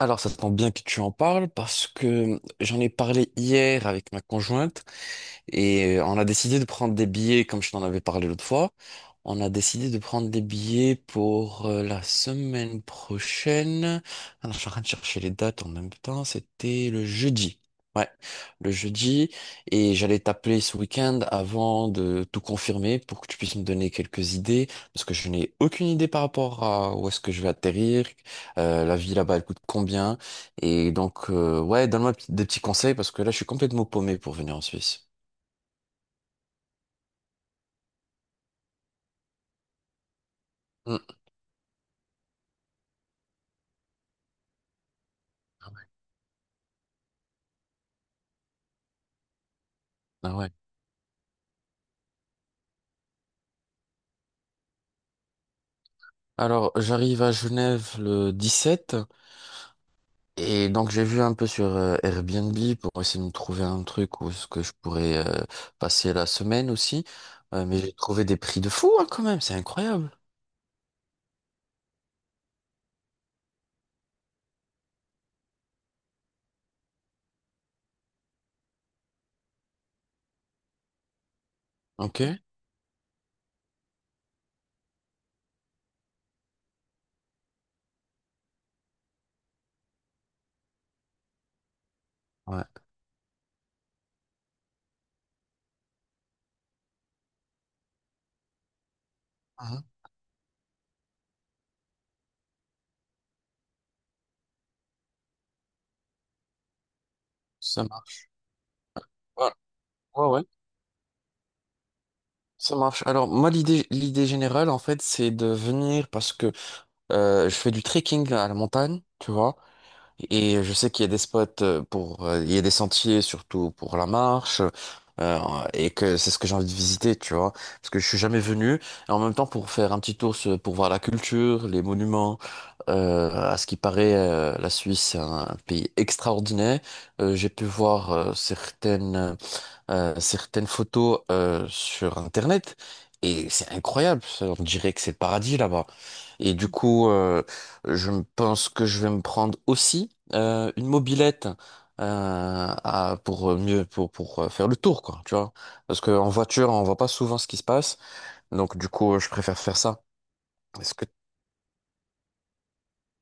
Alors, ça tombe bien que tu en parles parce que j'en ai parlé hier avec ma conjointe et on a décidé de prendre des billets, comme je t'en avais parlé l'autre fois. On a décidé de prendre des billets pour la semaine prochaine. Alors, je suis en train de chercher les dates en même temps. C'était le jeudi. Ouais, le jeudi. Et j'allais t'appeler ce week-end avant de tout confirmer pour que tu puisses me donner quelques idées. Parce que je n'ai aucune idée par rapport à où est-ce que je vais atterrir. La vie là-bas, elle coûte combien. Et donc, ouais, donne-moi des petits conseils parce que là, je suis complètement paumé pour venir en Suisse. Mm. Ah ouais. Alors, j'arrive à Genève le 17 et donc j'ai vu un peu sur Airbnb pour essayer de me trouver un truc où ce que je pourrais passer la semaine aussi. Mais j'ai trouvé des prix de fou hein, quand même, c'est incroyable. Ok. Ouais. Mhm. Ça marche. Ouais, ouais, ouais. Ça marche. Alors moi l'idée générale en fait c'est de venir parce que je fais du trekking à la montagne, tu vois. Et je sais qu'il y a des spots il y a des sentiers surtout pour la marche, euh, et que c'est ce que j'ai envie de visiter, tu vois, parce que je suis jamais venu. Et en même temps, pour faire un petit tour pour voir la culture, les monuments, à ce qui paraît, la Suisse est un pays extraordinaire. J'ai pu voir certaines photos sur Internet et c'est incroyable. On dirait que c'est le paradis là-bas. Et du coup, je me pense que je vais me prendre aussi une mobilette. Pour mieux, pour faire le tour quoi tu vois parce que en voiture on voit pas souvent ce qui se passe donc du coup je préfère faire ça. Est-ce que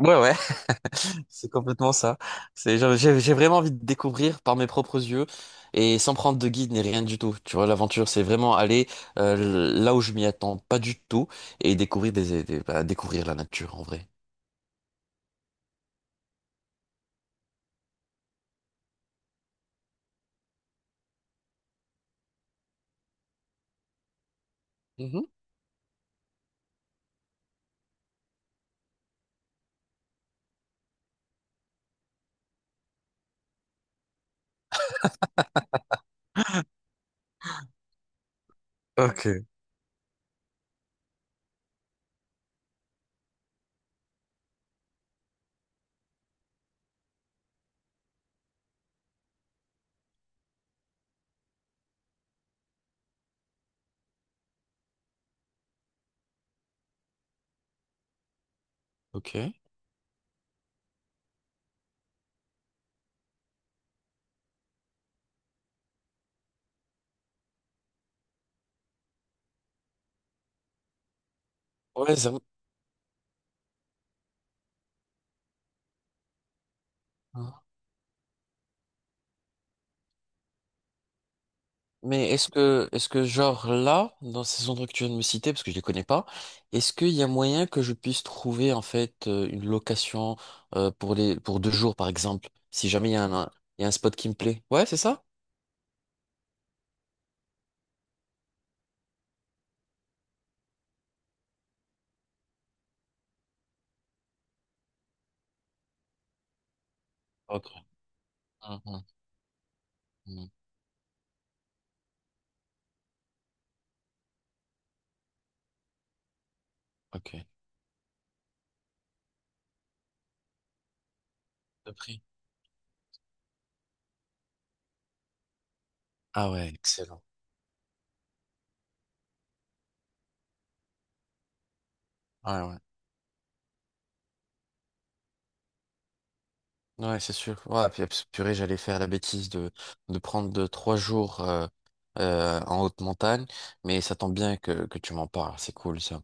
Ouais, ouais. C'est complètement ça. C'est, genre, j'ai vraiment envie de découvrir par mes propres yeux et sans prendre de guide ni rien du tout. Tu vois, l'aventure, c'est vraiment aller là où je m'y attends pas du tout et découvrir bah, découvrir la nature en vrai. Mhm. Ok. Ok. Ouais, ça... Mais est-ce que genre là, dans ces endroits que tu viens de me citer, parce que je les connais pas, est-ce qu'il y a moyen que je puisse trouver en fait une location pour 2 jours par exemple, si jamais il y a il y a un spot qui me plaît? Ouais, c'est ça? Mhm, mhm. Ok. De prix. Ah ouais, excellent. Ouais, ouais. Ouais, c'est sûr. Ouais, puis purée, j'allais faire la bêtise de, 3 jours en haute montagne, mais ça tombe bien que tu m'en parles, c'est cool ça.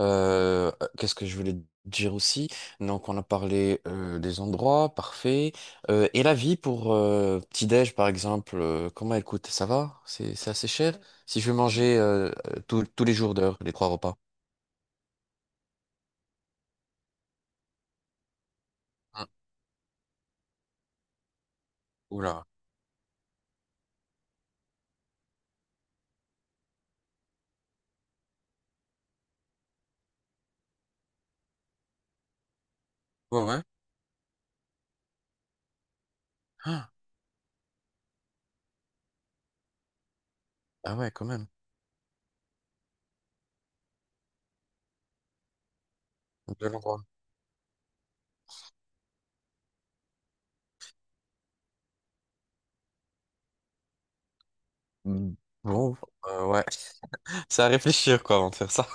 Qu'est-ce que je voulais te dire aussi? Donc, on a parlé des endroits, parfait. Et la vie pour petit-déj, par exemple, comment elle coûte? Ça va? C'est assez cher? Si je veux manger tous les jours d'heure, les 3 repas. Ah, oula. Ouais, ouais. Ah ouais, quand même. De l'endroit. Mm. Bon, ouais. C'est à réfléchir, quoi, avant de faire ça.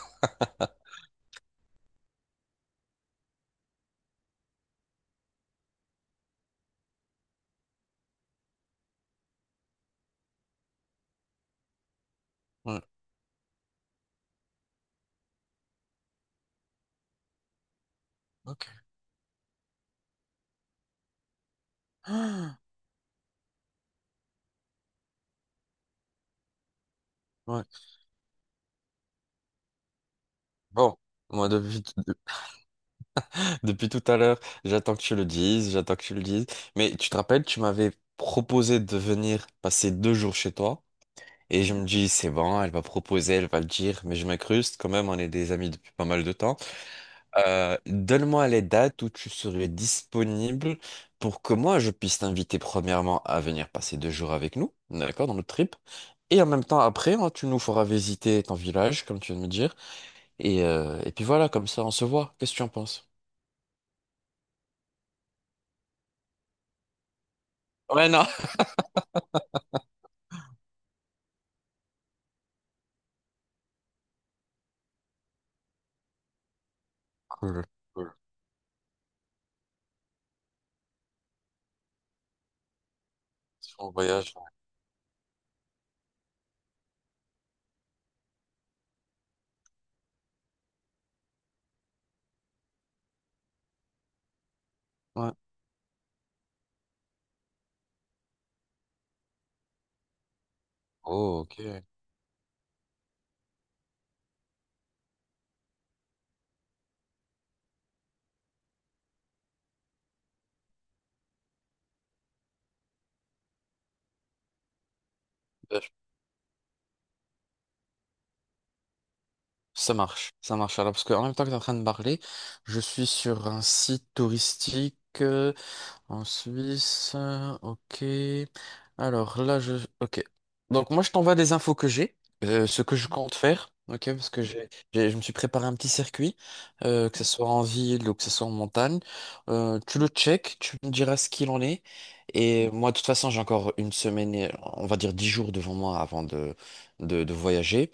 Ouais, ok. Ah, ouais. Bon, moi, depuis tout à l'heure, j'attends que tu le dises, j'attends que tu le dises. Mais tu te rappelles, tu m'avais proposé de venir passer 2 jours chez toi. Et je me dis, c'est bon, elle va proposer, elle va le dire. Mais je m'incruste, quand même, on est des amis depuis pas mal de temps. Donne-moi les dates où tu serais disponible pour que moi je puisse t'inviter premièrement à venir passer 2 jours avec nous, d'accord, dans notre trip. Et en même temps après, hein, tu nous feras visiter ton village, comme tu viens de me dire. Et puis voilà, comme ça on se voit. Qu'est-ce que tu en penses? Ouais, non. Cool, cool. On voyage. Ouais. Oh, ok. Bien. Ça marche, ça marche. Alors, parce qu'en même temps que tu es en train de parler, je suis sur un site touristique. En Suisse, ok. Alors là, je... Ok. Donc moi, je t'envoie des infos que j'ai, ce que je compte faire, ok, parce que je me suis préparé un petit circuit, que ce soit en ville ou que ce soit en montagne. Tu le check, tu me diras ce qu'il en est. Et moi, de toute façon, j'ai encore une semaine, et, on va dire 10 jours devant moi avant de voyager.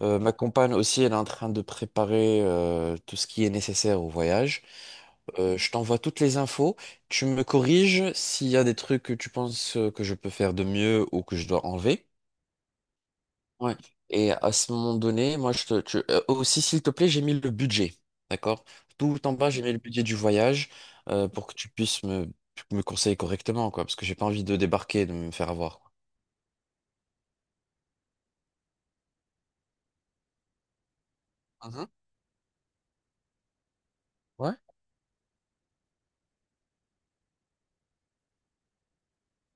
Ma compagne aussi, elle est en train de préparer tout ce qui est nécessaire au voyage. Je t'envoie toutes les infos. Tu me corriges s'il y a des trucs que tu penses que je peux faire de mieux ou que je dois enlever. Ouais. Et à ce moment donné, moi, aussi, s'il te plaît, j'ai mis le budget. D'accord? Tout en bas, j'ai mis le budget du voyage pour que tu puisses me conseiller correctement, quoi. Parce que j'ai pas envie de débarquer et de me faire avoir, quoi. Mhm. Ouais,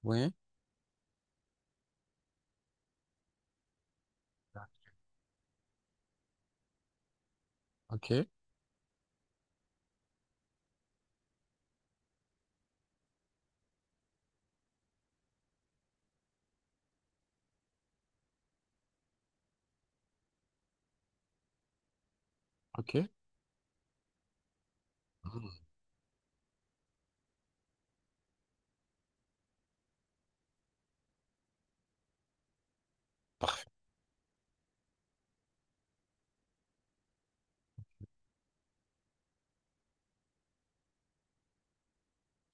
oui. Ok, ok. Mhm.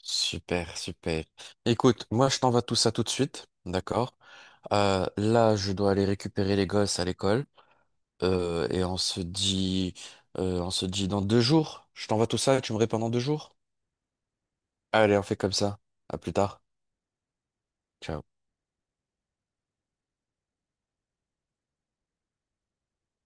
Super, super. Écoute, moi je t'envoie tout ça tout de suite, d'accord? Là, je dois aller récupérer les gosses à l'école et on se dit dans deux jours. Je t'envoie tout ça et tu me réponds dans 2 jours. Allez, on fait comme ça. À plus tard. Ciao.